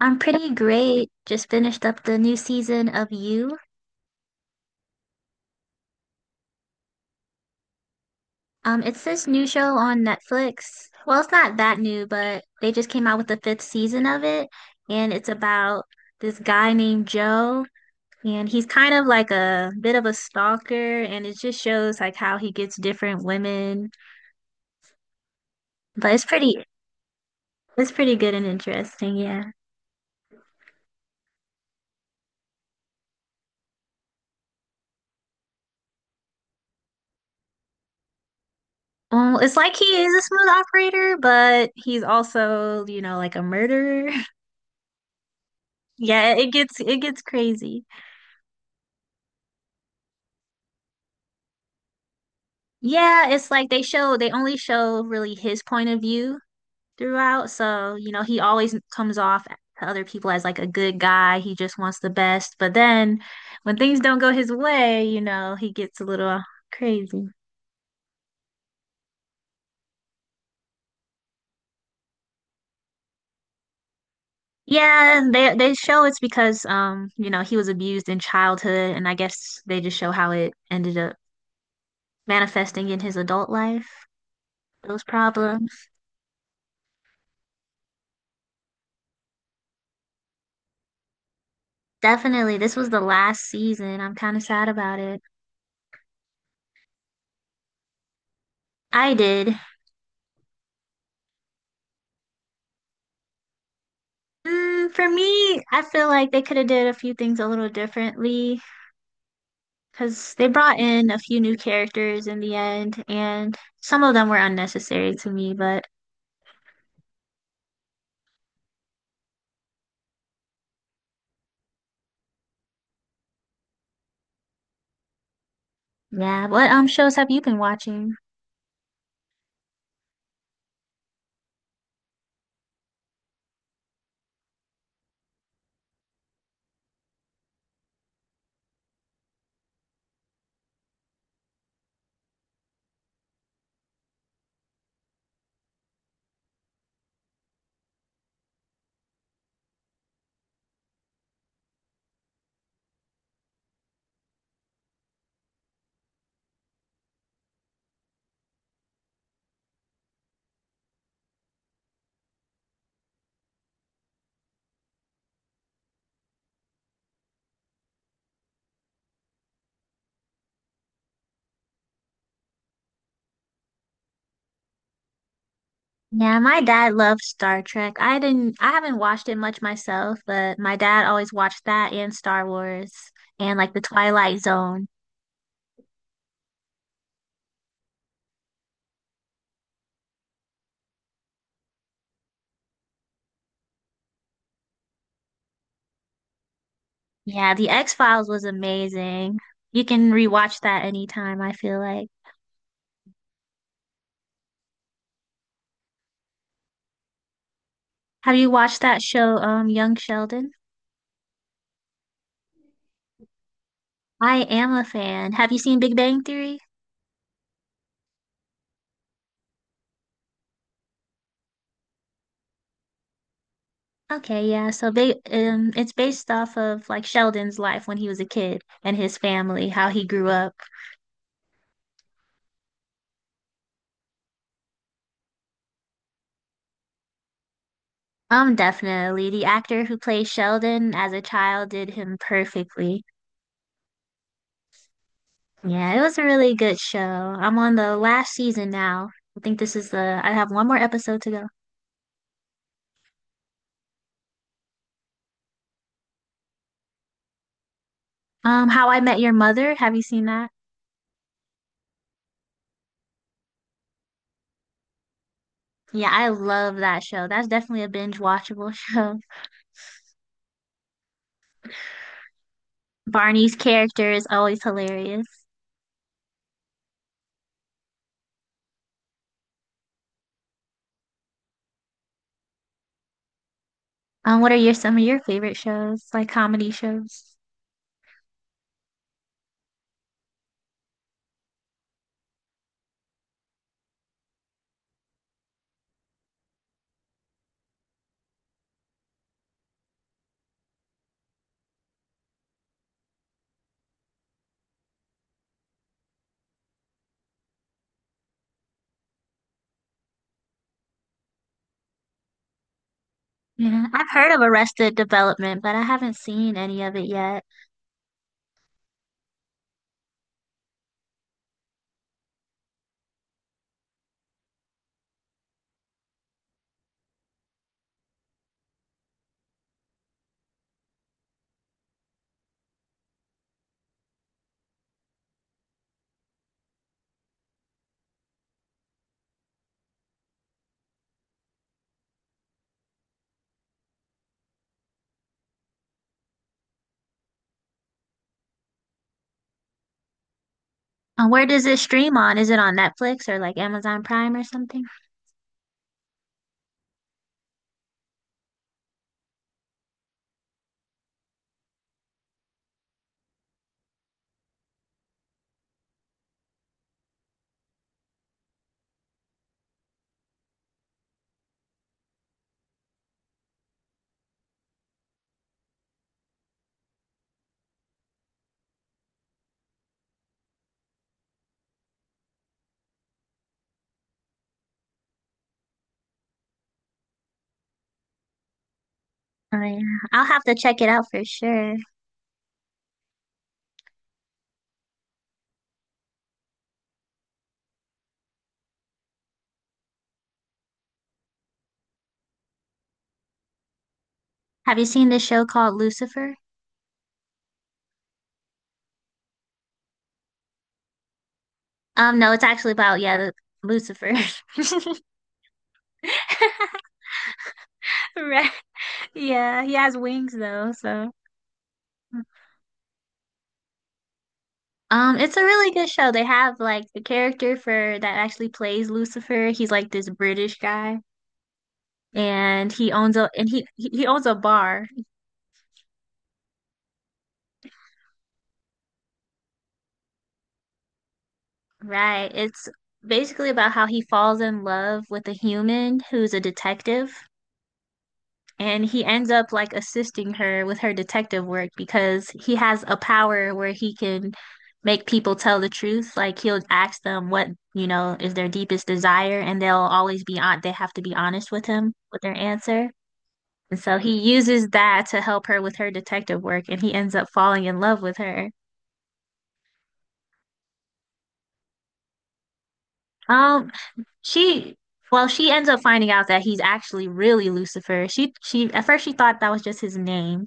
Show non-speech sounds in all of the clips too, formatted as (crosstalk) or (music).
I'm pretty great. Just finished up the new season of You. It's this new show on Netflix. Well, it's not that new, but they just came out with the fifth season of it, and it's about this guy named Joe, and he's kind of like a bit of a stalker, and it just shows like how he gets different women. But it's pretty good and interesting, yeah. Well, it's like he is a smooth operator, but he's also, you know, like a murderer. (laughs) Yeah, it gets crazy. Yeah, it's like they only show really his point of view throughout. So, you know, he always comes off to other people as like a good guy. He just wants the best. But then when things don't go his way, you know, he gets a little crazy. Yeah, they show it's because you know, he was abused in childhood and I guess they just show how it ended up manifesting in his adult life, those problems. Definitely, this was the last season. I'm kind of sad about it. I did. For me, I feel like they could have did a few things a little differently because they brought in a few new characters in the end, and some of them were unnecessary to me. But yeah, what shows have you been watching? Yeah, my dad loves Star Trek. I haven't watched it much myself, but my dad always watched that and Star Wars and like the Twilight Zone. Yeah, the X-Files was amazing. You can rewatch that anytime, I feel like. Have you watched that show, Young Sheldon? I am a fan. Have you seen Big Bang Theory? Okay, yeah. So big, it's based off of like Sheldon's life when he was a kid and his family, how he grew up. Definitely. The actor who plays Sheldon as a child did him perfectly. Yeah, it was a really good show. I'm on the last season now. I think I have one more episode to go. How I Met Your Mother. Have you seen that? Yeah, I love that show. That's definitely a binge watchable (laughs) show. Barney's character is always hilarious. What are your some of your favorite shows, like comedy shows? Yeah, I've heard of Arrested Development, but I haven't seen any of it yet. Where does it stream on? Is it on Netflix or like Amazon Prime or something? Oh yeah, I'll have to check it out for sure. Have you seen this show called Lucifer? No, it's actually about Lucifer. (laughs) Right. Yeah, he has wings though, so. It's a really good show. They have like the character for that actually plays Lucifer. He's like this British guy. And he owns a and he owns a bar. Right. It's basically about how he falls in love with a human who's a detective and he ends up like assisting her with her detective work because he has a power where he can make people tell the truth. Like he'll ask them what, you know, is their deepest desire and they have to be honest with him with their answer. And so he uses that to help her with her detective work and he ends up falling in love with her. Um, she Well, she ends up finding out that he's actually really Lucifer. She at first she thought that was just his name.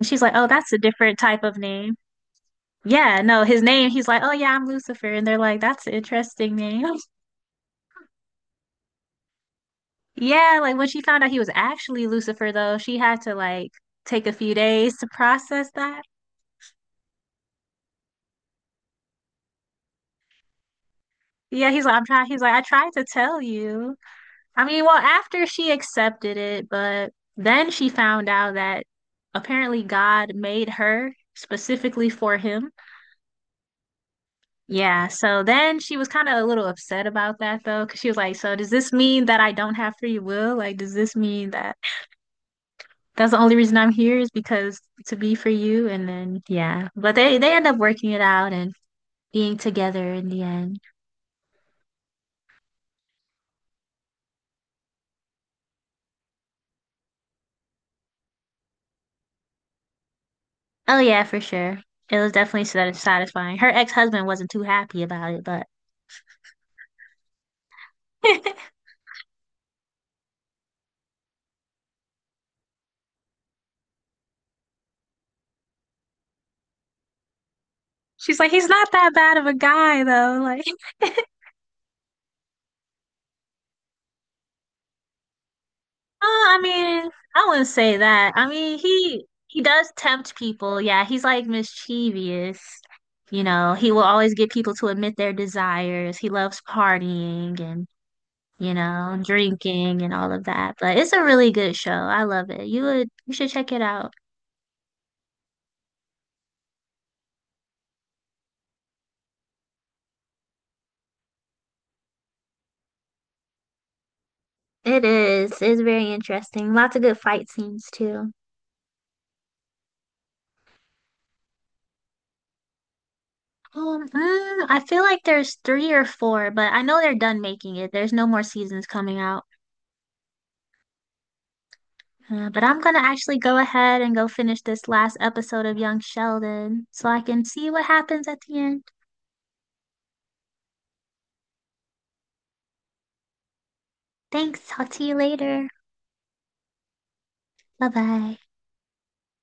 And she's like, "Oh, that's a different type of name." Yeah, no, his name, he's like, "Oh yeah, I'm Lucifer." And they're like, "That's an interesting name." (laughs) Yeah, like when she found out he was actually Lucifer though, she had to like take a few days to process that. Yeah, he's like, "I'm trying." He's like, "I tried to tell you." I mean, well, after she accepted it, but then she found out that apparently God made her specifically for him. Yeah, so then she was kind of a little upset about that though, because she was like, so does this mean that I don't have free will? Like, does this mean that that's the only reason I'm here is because to be for you? And then, yeah, but they end up working it out and being together in the end. Oh, yeah, for sure. It was definitely sat- satisfying. Her ex-husband wasn't too happy about it, but (laughs) she's like, he's not that bad of a guy though. Like, oh, I mean, I wouldn't say that. I mean, he does tempt people. Yeah, he's like mischievous. You know, he will always get people to admit their desires. He loves partying and, you know, drinking and all of that. But it's a really good show. I love it. You should check it out. It is. It's very interesting. Lots of good fight scenes too. I feel like there's three or four, but I know they're done making it. There's no more seasons coming out. But I'm gonna actually go ahead and go finish this last episode of Young Sheldon so I can see what happens at the end. Thanks. I'll see you later. Bye bye.